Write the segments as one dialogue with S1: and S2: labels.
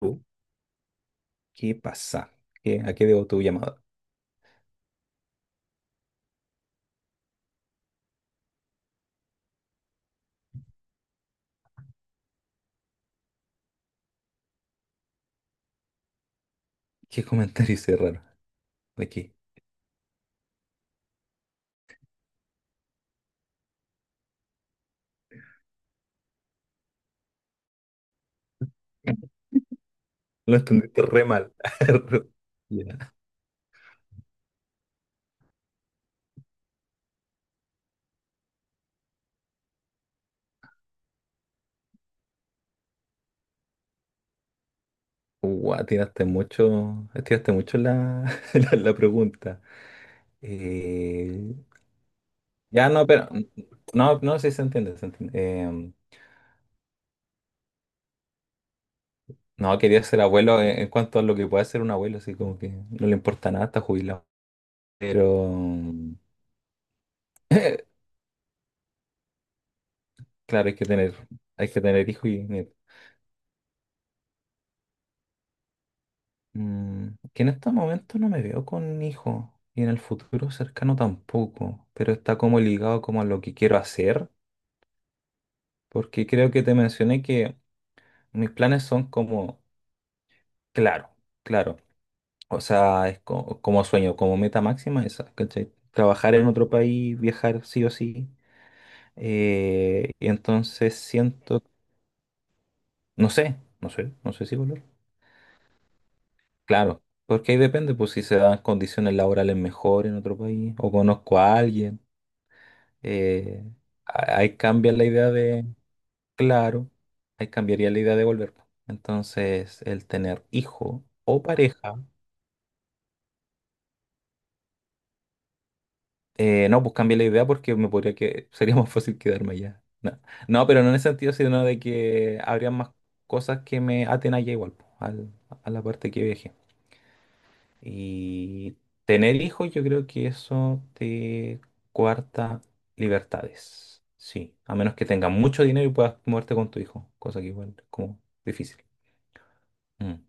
S1: ¿Tú? ¿Qué pasa? ¿A qué debo tu llamada? ¿Qué comentario hice raro? ¿De qué? Lo entendiste re mal. Ya. Guau, tiraste mucho la, la pregunta. Eh, ya no, pero no, no sé si se entiende, se entiende. No, quería ser abuelo en cuanto a lo que puede ser un abuelo, así como que no le importa nada, está jubilado. Pero claro, hay que tener hijos y nietos. Que en estos momentos no me veo con hijos y en el futuro cercano tampoco, pero está como ligado como a lo que quiero hacer, porque creo que te mencioné que mis planes son como, claro, claro, o sea, es como, sueño, como meta máxima esa, ¿cachai? Trabajar en otro país, viajar sí o sí, y entonces siento, no sé, no sé, no sé si volver. Claro, porque ahí depende, pues si se dan condiciones laborales mejor en otro país o conozco a alguien. eh, ahí cambia la idea de, claro, ahí cambiaría la idea de volver. Entonces, el tener hijo o pareja, no, pues cambia la idea porque me podría que sería más fácil quedarme allá. No, no, pero no en el sentido, sino de que habría más cosas que me aten allá igual, po, a la parte que viaje. Y tener hijos, yo creo que eso te cuarta libertades. Sí, a menos que tengas mucho dinero y puedas moverte con tu hijo, cosa que igual es como difícil. Mm.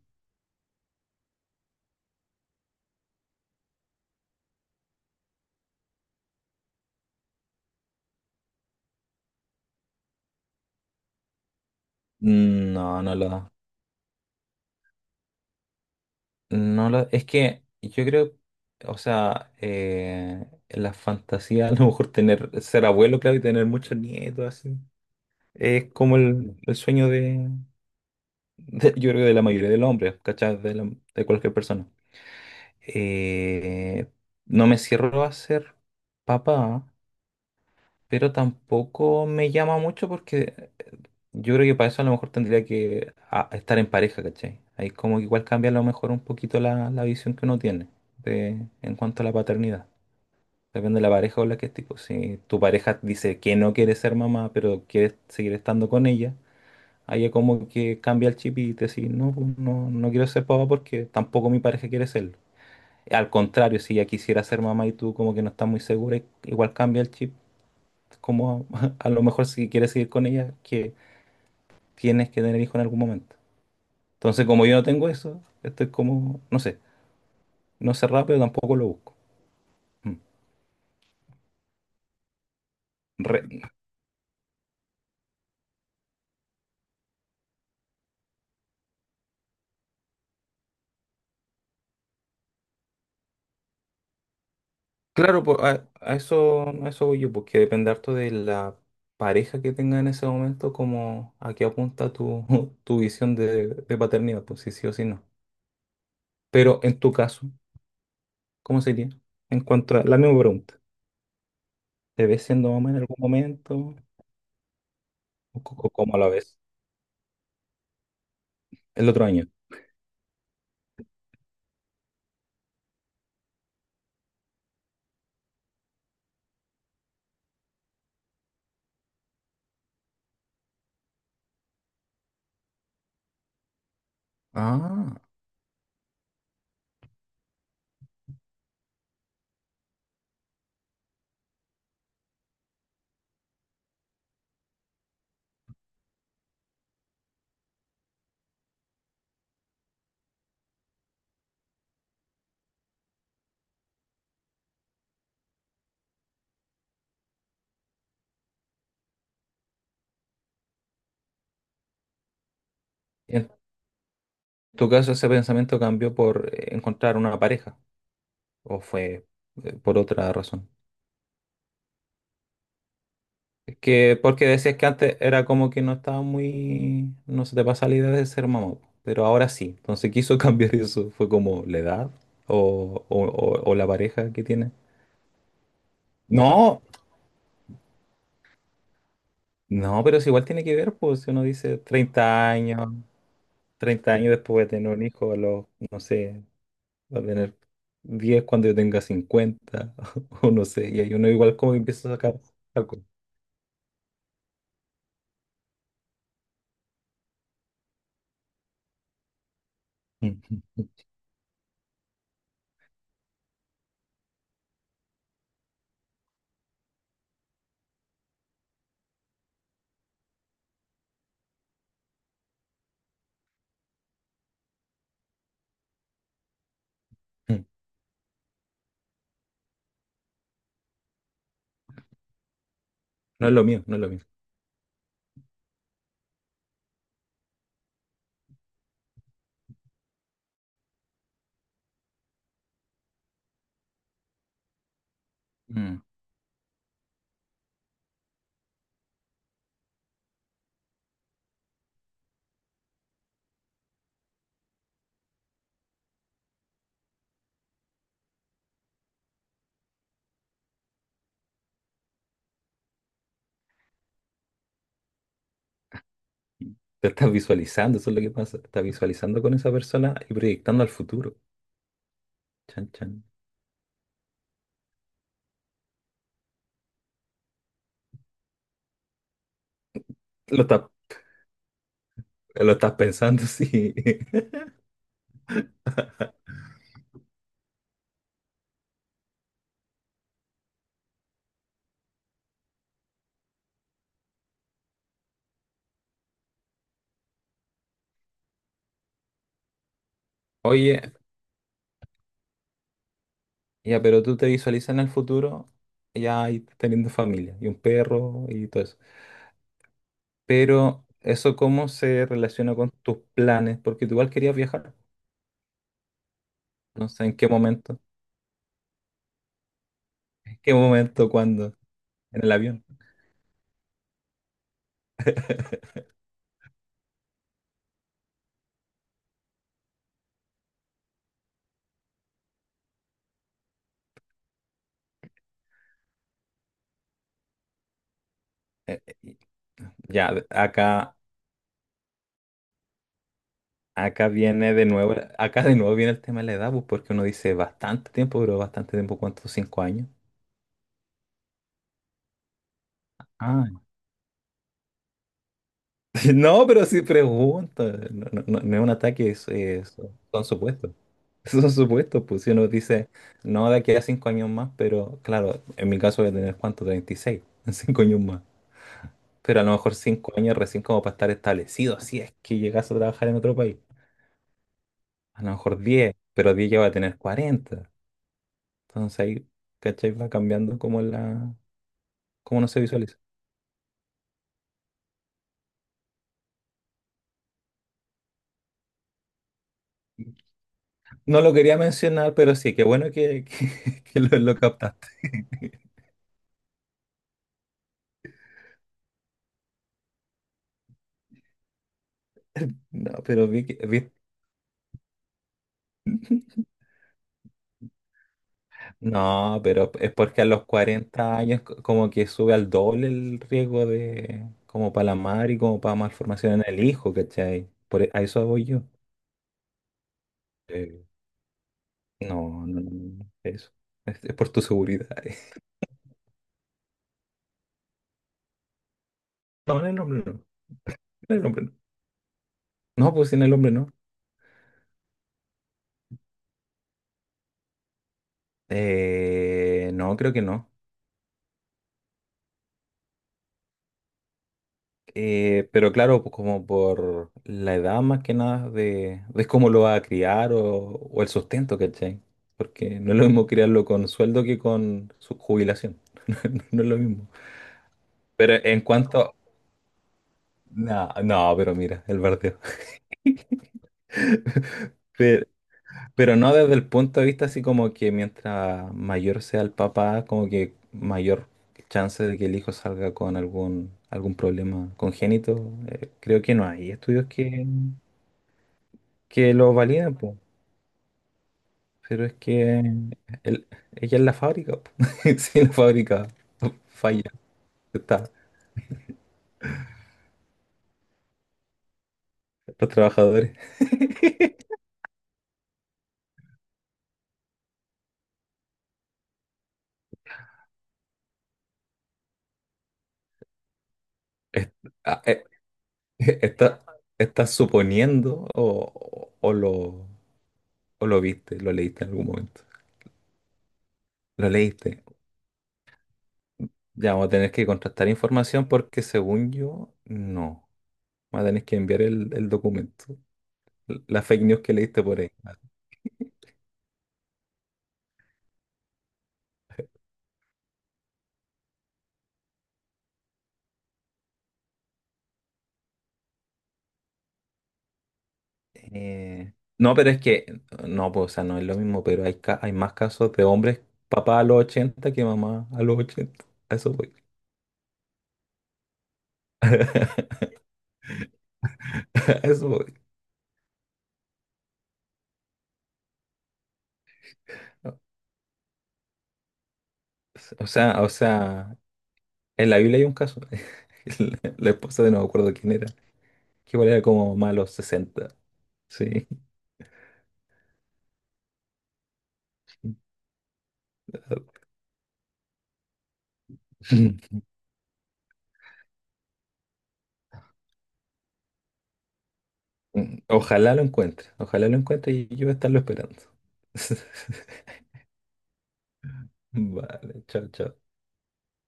S1: No, es que yo creo, o sea, la fantasía a lo mejor tener, ser abuelo, claro, y tener muchos nietos, así, es como el sueño de, yo creo, que de la mayoría de los hombres, ¿cachai? De, de cualquier persona. Eh, no me cierro a ser papá, pero tampoco me llama mucho porque yo creo que para eso a lo mejor tendría que estar en pareja, ¿cachai? Ahí como que igual cambia a lo mejor un poquito la visión que uno tiene de, en cuanto a la paternidad. Depende de la pareja con la que estés, pues. Si tu pareja dice que no quiere ser mamá, pero quieres seguir estando con ella, ahí es como que cambia el chip y te dice no, pues, no, no quiero ser papá porque tampoco mi pareja quiere serlo. Al contrario, si ella quisiera ser mamá y tú como que no estás muy segura, igual cambia el chip. Como a, lo mejor si quieres seguir con ella, que tienes que tener hijo en algún momento. Entonces, como yo no tengo eso, estoy como, no sé, no sé rápido tampoco lo busco. Mm. Re- claro, po, a eso, a eso voy yo, porque depende harto de la pareja que tenga en ese momento, como a qué apunta tu visión de paternidad, pues si sí o si no. Pero en tu caso, ¿cómo sería? En cuanto a la misma pregunta. ¿Te ves siendo mamá en algún momento? ¿Cómo la ves? El otro año. Ah, en tu caso ese pensamiento cambió por encontrar una pareja o fue por otra razón. Es que porque decías que antes era como que no estaba muy, no se te pasa la idea de ser mamá, pero ahora sí. Entonces quiso cambiar eso. ¿Fue como la edad o, o la pareja que tiene? No, no, pero si igual tiene que ver, pues si uno dice 30 años, 30 años después de tener un hijo, a los, no sé, va a tener 10 cuando yo tenga 50 o no sé, y ahí uno igual como que empieza a sacar algo. Mm, mm, mm, mm. No es lo mío, no es lo mío. Mm. Te estás visualizando, eso es lo que pasa, te estás visualizando con esa persona y proyectando al futuro. Chan, chan. Lo estás, lo estás pensando, sí. Oye, ya, pero tú te visualizas en el futuro, ya ahí teniendo familia y un perro y todo eso. Pero eso cómo se relaciona con tus planes, porque tú igual querías viajar, no sé en qué momento. ¿Qué momento? ¿Cuándo? En el avión. Eh, eh, Ya, acá, acá viene de nuevo, acá de nuevo viene el tema de la edad, pues, porque uno dice bastante tiempo, pero bastante tiempo, ¿cuánto? ¿5 años? Ah, no, pero si pregunto, no, no es un ataque, es, son supuestos. Son supuestos, pues si uno dice, no, de aquí a 5 años más, pero claro, en mi caso voy a tener cuánto, 36, en 5 años más. Pero a lo mejor 5 años recién como para estar establecido, si es que llegas a trabajar en otro país. A lo mejor 10, pero 10 ya va a tener 40. Entonces ahí, ¿cachai? Va cambiando como cómo no se visualiza. No lo quería mencionar, pero sí, qué bueno que, que lo captaste. No, pero no, pero es porque a los 40 años como que sube al doble el riesgo de como para la madre y como para malformación en el hijo, ¿cachai? Por, a eso voy yo. Eh, no, no, no, no, eso. Es por tu seguridad. No, en el hombre no. En el hombre no. No, pues en el hombre no. No, creo que no. Pero claro, pues como por la edad más que nada de, de cómo lo va a criar o el sustento, ¿cachai? Porque no es lo mismo criarlo con sueldo que con su jubilación. No, no es lo mismo. Pero en cuanto... No, no, pero mira, el bardeo. Pe- Pero no desde el punto de vista así como que mientras mayor sea el papá, como que mayor chance de que el hijo salga con algún, algún problema congénito. Creo que no hay estudios que lo validen, po. Pero es que el- ella es la fábrica, po. Si la fábrica falla, está, los trabajadores est- ah, eh, eh, está, está suponiendo o lo viste, lo leíste en algún momento. Lo leíste. Ya vamos a tener que contrastar información porque según yo, no. Vamos a tener que enviar el documento. La fake news que leíste por ahí. Vale. Eh, no, pero es que, no, pues, o sea, no es lo mismo, pero hay, hay más casos de hombres papá a los 80 que mamá a los 80. A eso voy. A eso voy. O sea, en la Biblia hay un caso. La esposa de no me acuerdo quién era, que igual era como mamá a los 60. Sí. Ojalá lo encuentre, ojalá lo encuentre y yo voy a estarlo esperando. Vale, chao, chao.